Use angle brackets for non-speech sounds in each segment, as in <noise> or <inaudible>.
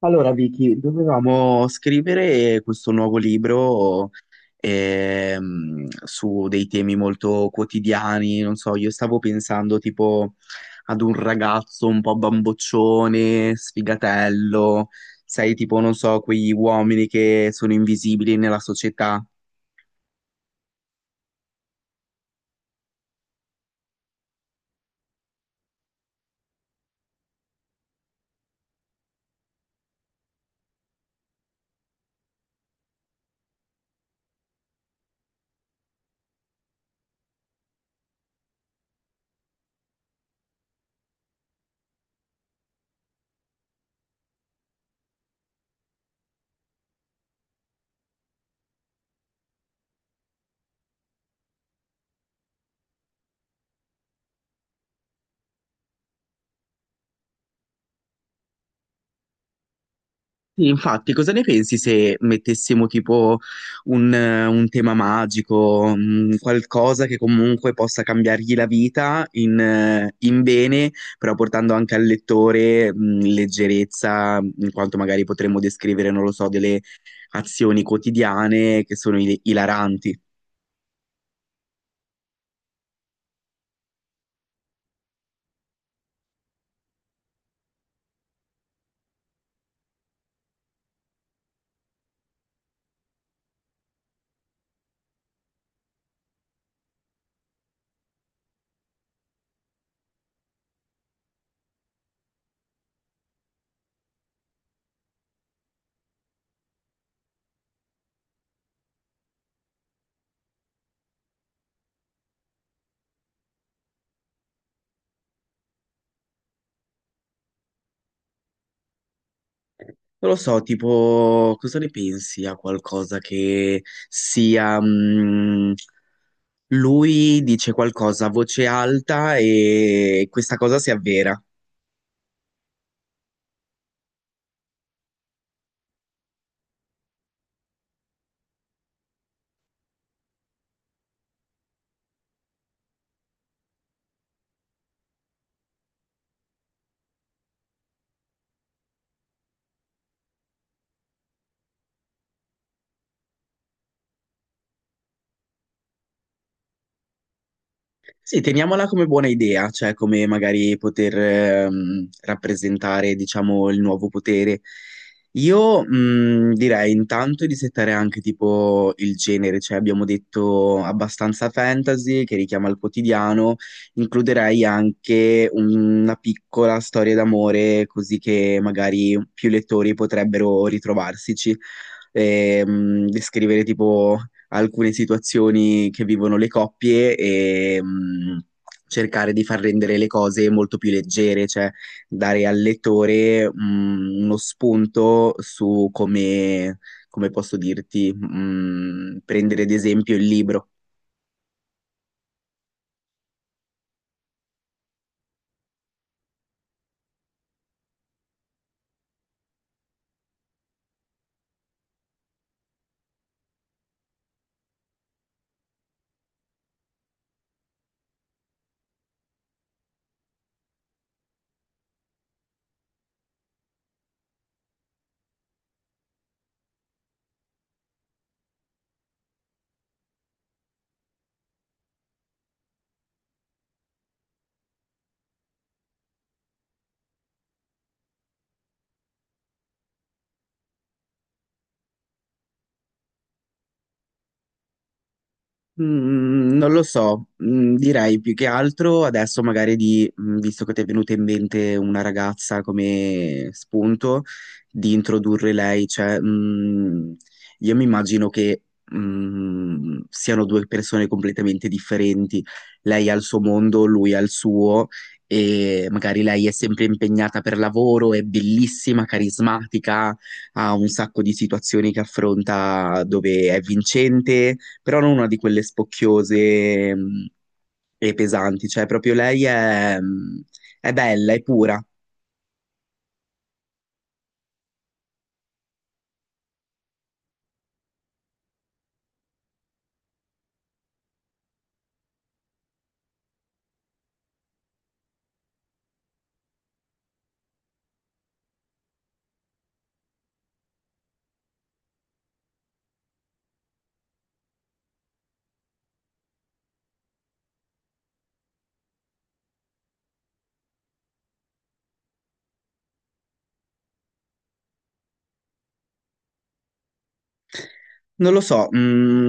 Allora, Vicky, dovevamo scrivere questo nuovo libro su dei temi molto quotidiani, non so, io stavo pensando tipo ad un ragazzo un po' bamboccione, sfigatello, sai, tipo, non so, quegli uomini che sono invisibili nella società. Sì, infatti, cosa ne pensi se mettessimo tipo un tema magico, qualcosa che comunque possa cambiargli la vita in bene, però portando anche al lettore, leggerezza, in quanto magari potremmo descrivere, non lo so, delle azioni quotidiane che sono ilaranti. Non lo so, tipo, cosa ne pensi a qualcosa che sia, lui dice qualcosa a voce alta e questa cosa si avvera. Sì, teniamola come buona idea, cioè come magari poter rappresentare, diciamo, il nuovo potere. Io, direi intanto di settare anche tipo il genere, cioè abbiamo detto abbastanza fantasy che richiama il quotidiano, includerei anche una piccola storia d'amore così che magari più lettori potrebbero ritrovarsici. Descrivere tipo alcune situazioni che vivono le coppie e, cercare di far rendere le cose molto più leggere, cioè dare al lettore, uno spunto su come, come posso dirti, prendere ad esempio il libro. Mm, non lo so, mm, direi più che altro adesso magari di, mm, visto che ti è venuta in mente una ragazza come spunto, di introdurre lei, cioè, mm, io mi immagino che, mm, siano due persone completamente differenti, lei ha il suo mondo, lui ha il suo, e magari lei è sempre impegnata per lavoro, è bellissima, carismatica, ha un sacco di situazioni che affronta dove è vincente, però non una di quelle spocchiose, e pesanti, cioè proprio lei è bella, è pura. Non lo so,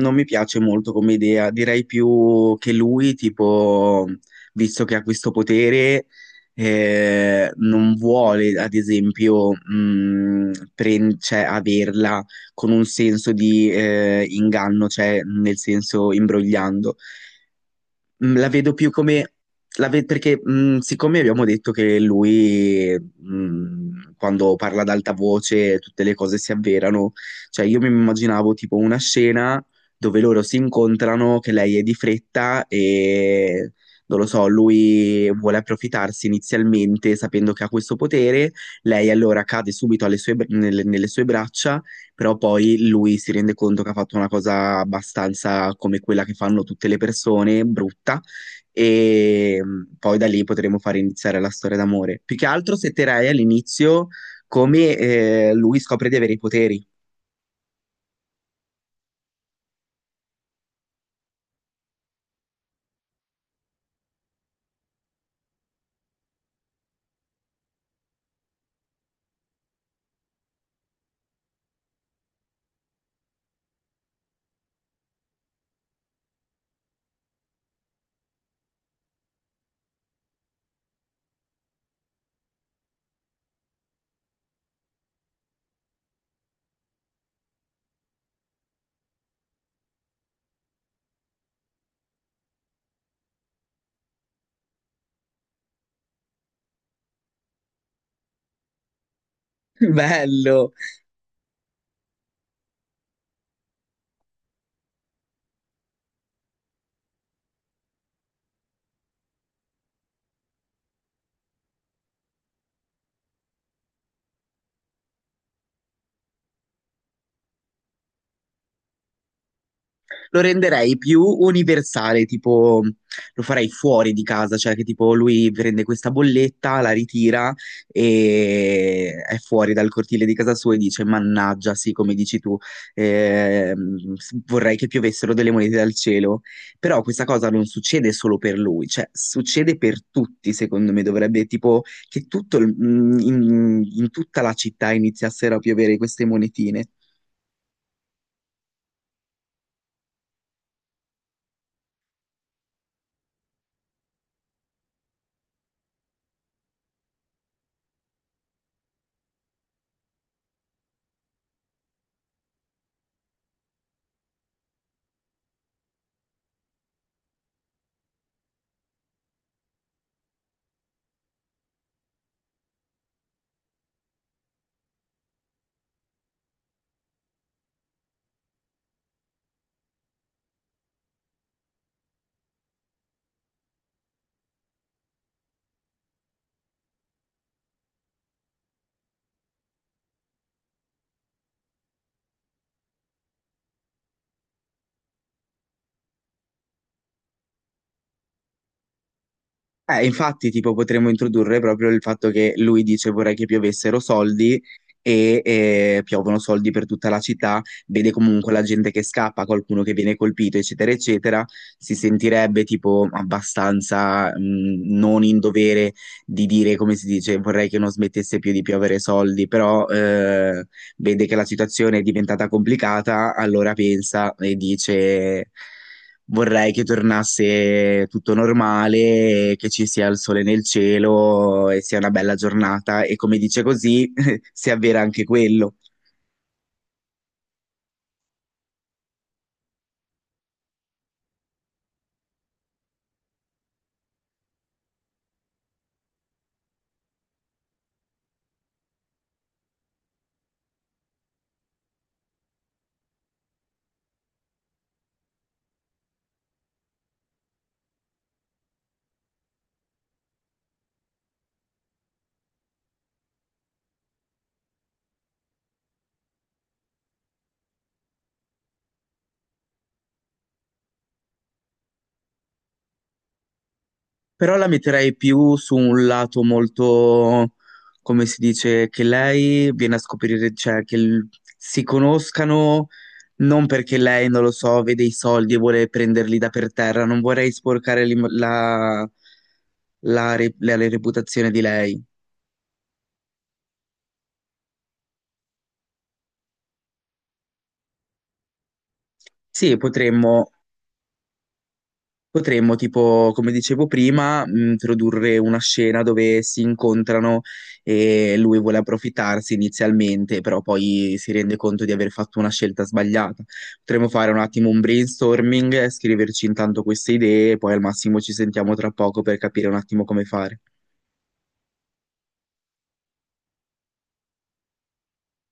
non mi piace molto come idea, direi più che lui, tipo, visto che ha questo potere, non vuole, ad esempio, cioè, averla con un senso di inganno, cioè nel senso imbrogliando. Mh, la vedo più come... perché, siccome abbiamo detto che lui, quando parla ad alta voce, tutte le cose si avverano, cioè io mi immaginavo tipo una scena dove loro si incontrano, che lei è di fretta e... Non lo so, lui vuole approfittarsi inizialmente sapendo che ha questo potere, lei allora cade subito alle nelle sue braccia, però poi lui si rende conto che ha fatto una cosa abbastanza come quella che fanno tutte le persone, brutta, e, poi da lì potremo fare iniziare la storia d'amore. Più che altro setterei all'inizio come, lui scopre di avere i poteri. <laughs> Bello! Lo renderei più universale, tipo lo farei fuori di casa, cioè che tipo lui prende questa bolletta, la ritira e è fuori dal cortile di casa sua e dice: Mannaggia, sì, come dici tu, vorrei che piovessero delle monete dal cielo. Però questa cosa non succede solo per lui, cioè succede per tutti, secondo me, dovrebbe tipo che in tutta la città iniziassero a piovere queste monetine. Infatti, tipo, potremmo introdurre proprio il fatto che lui dice vorrei che piovessero soldi e, piovono soldi per tutta la città, vede comunque la gente che scappa, qualcuno che viene colpito, eccetera, eccetera, si sentirebbe tipo abbastanza, non in dovere di dire, come si dice, vorrei che non smettesse più di piovere soldi, però, vede che la situazione è diventata complicata, allora pensa e dice... Vorrei che tornasse tutto normale, che ci sia il sole nel cielo e sia una bella giornata e come dice così <laughs> si avvera anche quello. Però la metterei più su un lato molto, come si dice, che lei viene a scoprire, cioè si conoscano non perché lei, non lo so, vede i soldi e vuole prenderli da per terra. Non vorrei sporcare la, la reputazione di lei. Sì, potremmo. Potremmo, tipo, come dicevo prima, introdurre una scena dove si incontrano e lui vuole approfittarsi inizialmente, però poi si rende conto di aver fatto una scelta sbagliata. Potremmo fare un attimo un brainstorming, scriverci intanto queste idee e poi al massimo ci sentiamo tra poco per capire un attimo come fare.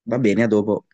Va bene, a dopo.